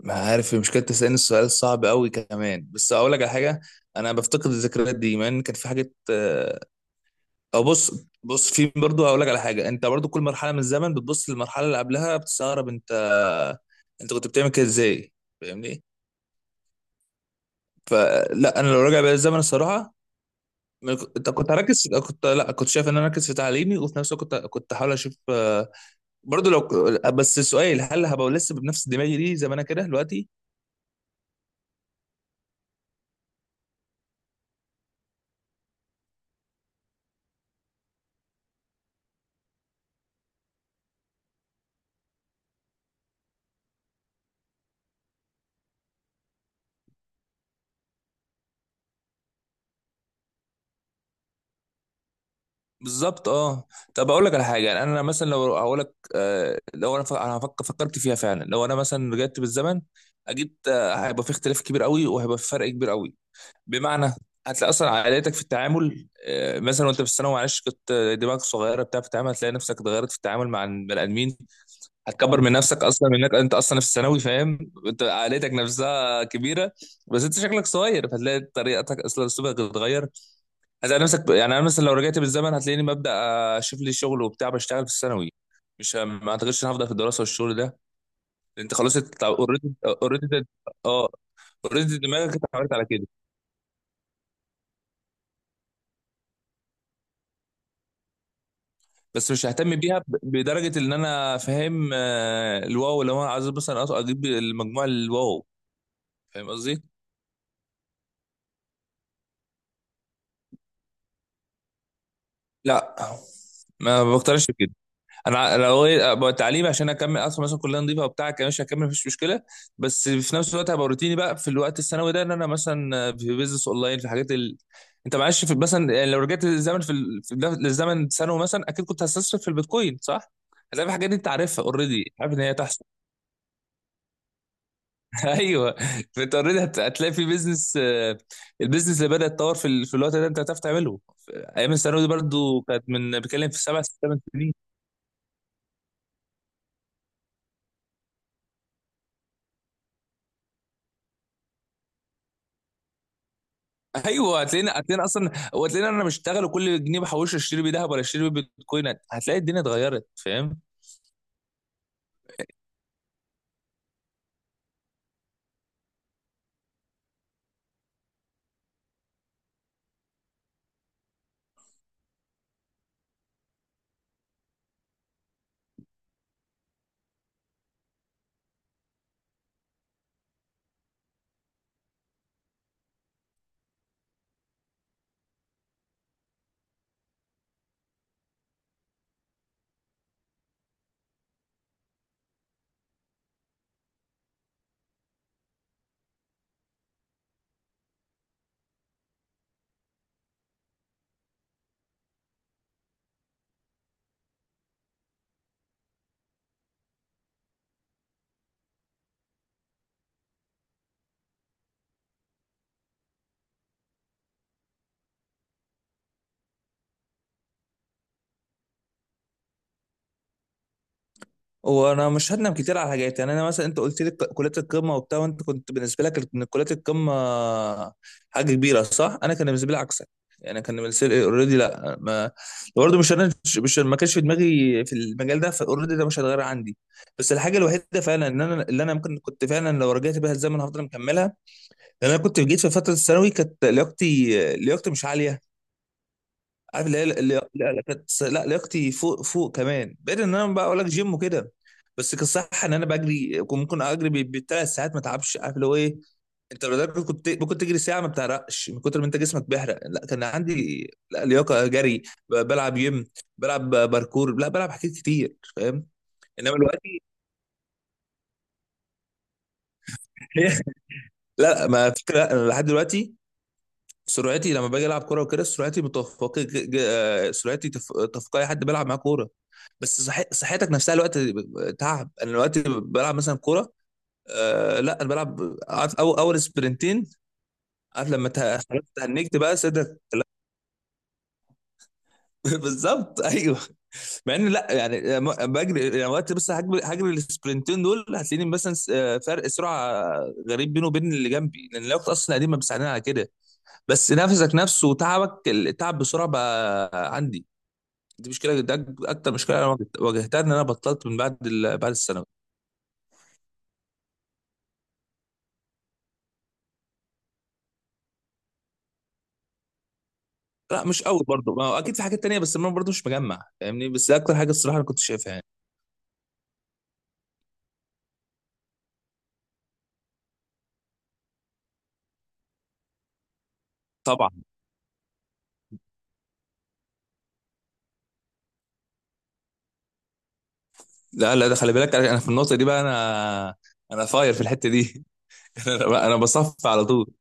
ما عارف المشكلة، تسألني السؤال الصعب قوي كمان. بس أقول لك على حاجة، أنا بفتقد الذكريات دي مع إن كان في حاجة أو بص في. برضه هقول لك على حاجة، أنت برضه كل مرحلة من الزمن بتبص للمرحلة اللي قبلها بتستغرب أنت كنت بتعمل كده إزاي، فاهمني؟ فلا أنا لو راجع بيا الزمن الصراحة ما ك- أنت كنت هركز كنت لا كنت شايف إن أنا أركز في تعليمي، وفي نفس الوقت كنت أحاول أشوف. برضه بس سؤال، هل هبقى لسه بنفس دماغي دي زي ما أنا كده دلوقتي؟ بالظبط اه. طب اقول لك على حاجه. يعني انا مثلا لو هقول لك أنا فكرت فيها فعلا. لو انا مثلا رجعت بالزمن، اكيد هيبقى في اختلاف كبير قوي وهيبقى في فرق كبير قوي، بمعنى هتلاقي اصلا عائلتك في التعامل، مثلا وانت في الثانوي معلش كنت، دماغك صغيره بتاع في التعامل، هتلاقي نفسك اتغيرت في التعامل مع البني ادمين. هتكبر من نفسك اصلا، منك انت اصلا في الثانوي، فاهم؟ انت عائلتك نفسها كبيره بس انت شكلك صغير، فهتلاقي طريقتك اصلا اسلوبك اتغير. عايز نفسك، يعني انا مثلا لو رجعت بالزمن هتلاقيني ببدا اشوف لي شغل وبتاع، بشتغل في الثانوي. مش ه- ما اعتقدش ان هفضل في الدراسه والشغل ده، لأن انت خلاص انت اوريدي اه. اوريدي دماغك اتعودت على كده. بس مش ههتم بيها بدرجه ان انا فاهم، الواو لو انا عايز مثلا اجيب المجموع الواو. فاهم قصدي؟ لا ما بقتنعش بكده. انا لو ابقى التعليم عشان اكمل اصلا مثلا كليه نظيفه وبتاع كمان، مش هكمل مفيش مشكله. بس في نفس الوقت هبقى روتيني بقى في الوقت الثانوي ده، ان انا مثلا في بيزنس اونلاين، في حاجات ال... انت معلش، في مثلا يعني لو رجعت للزمن في، ال... في للزمن ثانوي مثلا، اكيد كنت هستثمر في البيتكوين صح؟ هتلاقي في حاجات دي انت عارفها اوريدي، عارف ان هي تحصل. ايوه. فانت اوريدي هتلاقي في بيزنس. البيزنس اللي بدا يتطور في، ال... في الوقت ده انت هتعرف تعمله. ايام الثانوي دي برضو كانت، من بتكلم في 7 6 8 سنين. ايوه هتلاقينا اصلا، وهتلاقينا انا بشتغل وكل جنيه بحوشه اشتري بيه ذهب ولا اشتري بيه بيتكوين. هتلاقي الدنيا اتغيرت فاهم. وانا مش هندم كتير على حاجات. يعني انا مثلا انت قلت لي كليات القمه وبتاع، وانت كنت بالنسبه لك ان كليات القمه حاجه كبيره صح؟ انا كان بالنسبه لي عكسك، يعني كان بالنسبه لي اوريدي لا، ما برضه مش انا، مش ما كانش في دماغي في المجال ده. فاوريدي ده مش هيتغير عندي. بس الحاجه الوحيده فعلا ان انا، اللي انا ممكن كنت فعلا لو رجعت بيها الزمن هفضل مكملها، لأن انا كنت جيت في فتره الثانوي كانت لياقتي مش عاليه. عارف اللي هي، لا لا، كانت لا، لياقتي فوق فوق كمان، بعيد ان انا بقى اقول لك جيم وكده. بس كان صح ان انا بجري، كنت ممكن اجري بال3 ساعات ما تعبش. عارف اللي هو ايه؟ انت لو ده كنت ممكن تجري ساعه ما بتعرقش من كتر ما انت جسمك بيحرق. لا كان عندي لا لياقه جري، بلعب جيم، بلعب باركور، لا بلعب حاجات كتير فاهم. انما دلوقتي لا ما فكره أنا لحد دلوقتي سرعتي، لما باجي العب كوره وكده سرعتي متفقه، سرعتي تفوق اي حد بيلعب معاه كوره. بس صحتك نفسها الوقت تعب. انا دلوقتي بلعب مثلا كوره، آه لا انا بلعب عارف اول سبرنتين، عارف لما خلاص تهنجت بقى صدرك لا، بالظبط ايوه. مع ان لا يعني، بجري يعني وقت، بس هجري السبرنتين دول هتلاقيني مثلا، فرق سرعه غريب بينه وبين اللي جنبي، لان الوقت اصلا قديم ما بيساعدني على كده. بس نفسك نفسه وتعبك التعب بسرعه بقى عندي. دي مشكله، ده اكتر مشكله انا واجهتها، ان انا بطلت من بعد ال... بعد الثانوي. لا مش قوي برضه، ما هو اكيد في حاجات تانية، بس انا برضه مش مجمع فاهمني. بس ده اكتر حاجه الصراحه انا كنت شايفها يعني. طبعا. لا لا، ده خلي بالك انا، في النقطه دي بقى انا فاير في الحته دي انا بصف على طول.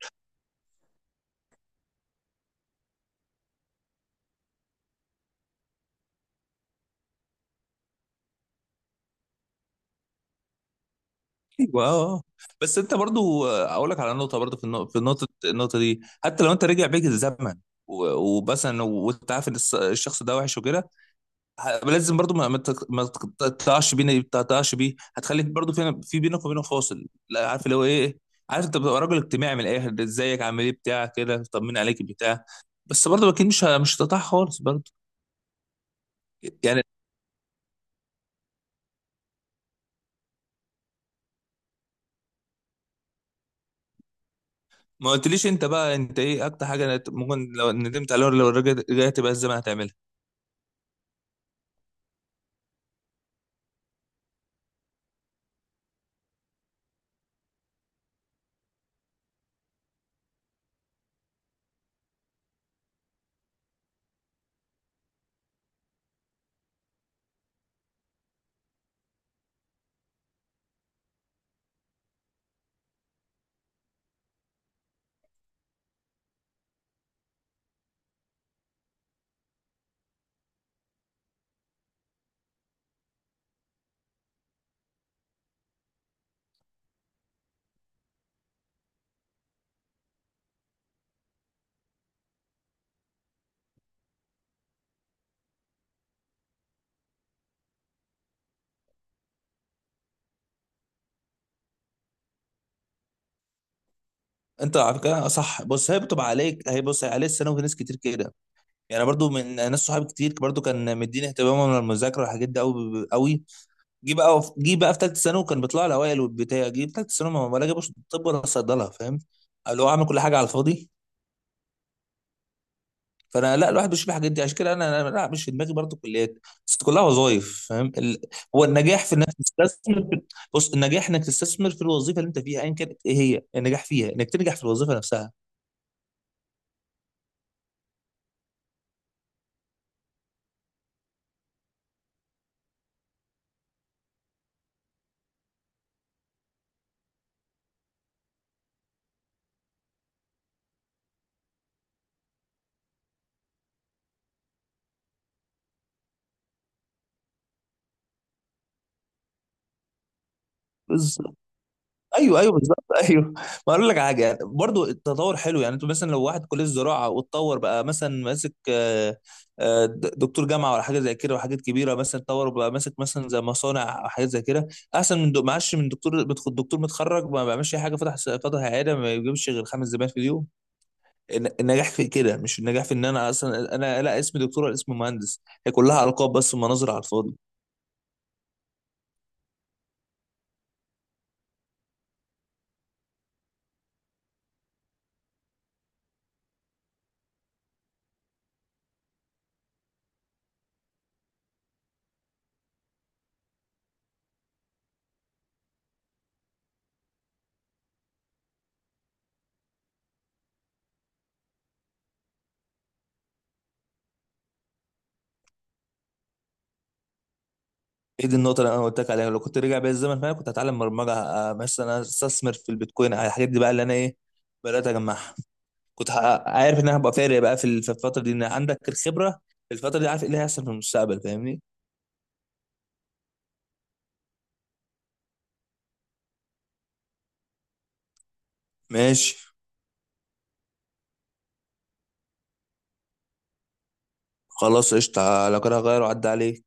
ايوه اه آه. بس انت برضه اقول لك على نقطه. برضه في النقطه، النقطه دي حتى لو انت رجع بيك الزمن، ومثلا وانت عارف ان الشخص ده وحش وكده، لازم برضو ما تقطعش تقطعش بيه، هتخليك برضو في، بينك وبينه فاصل لا. عارف اللي هو ايه إيه؟ عارف انت بتبقى راجل اجتماعي من الاخر، ده ازيك عامل ايه بتاع كده طمن عليك بتاع. بس برضو اكيد مش هتقطع خالص برضو. يعني ما قلتليش انت بقى، انت ايه اكتر حاجه ممكن لو ندمت عليها لو رجعت بقى الزمن هتعملها؟ انت على فكره، صح. بص هي بتبقى عليك، هي بص عليه السنه وفي ناس كتير كده. يعني برضو من ناس صحابي كتير برضو كان مديني اهتمامهم من المذاكره والحاجات دي قوي قوي. جه بقى جه بقى في ثالثه ثانوي، وكان بيطلع لي اوائل والبتاع. جه في ثالثه ثانوي ما ما لا جابوش طب ولا صيدله فاهم؟ اللي هو عامل كل حاجه على الفاضي. فانا لا، الواحد بيشوف الحاجات دي، عشان كده انا، لا مش في دماغي برضه كليات، بس كلها وظايف فاهم. ال... هو النجاح في انك تستثمر في... بص النجاح انك تستثمر في الوظيفه اللي انت فيها ايا كانت. ايه هي النجاح فيها؟ انك تنجح في الوظيفه نفسها. ايوه ايوه بالظبط ايوه. ما اقول لك على حاجه برضو، التطور حلو. يعني انتوا مثلا لو واحد كليه الزراعه واتطور بقى، مثلا ماسك دكتور جامعه ولا حاجه زي كده، وحاجات كبيره مثلا اتطور وبقى ماسك مثلا زي مصانع او حاجات زي كده، احسن من دو- معاش من دكتور دكتور متخرج ما بيعملش اي حاجه، فتح عياده ما بيجيبش غير 5 زبائن في اليوم. النجاح في كده، مش النجاح في ان انا اصلا انا، لا اسمي دكتور ولا اسمي مهندس، هي كلها القاب بس ومناظر على الفاضي. ايه دي النقطة اللي انا قلت لك عليها، لو كنت رجع بيا الزمن فانا كنت هتعلم برمجة، مثلا استثمر في البيتكوين، على الحاجات دي بقى اللي انا ايه بدأت اجمعها. عارف ان انا هبقى فارق بقى في ال- في الفترة دي، ان عندك الخبرة في الفترة دي، عارف ايه اللي هيحصل في المستقبل فاهمني؟ ماشي. خلاص قشطة، لو كده هغير وعدى عليك.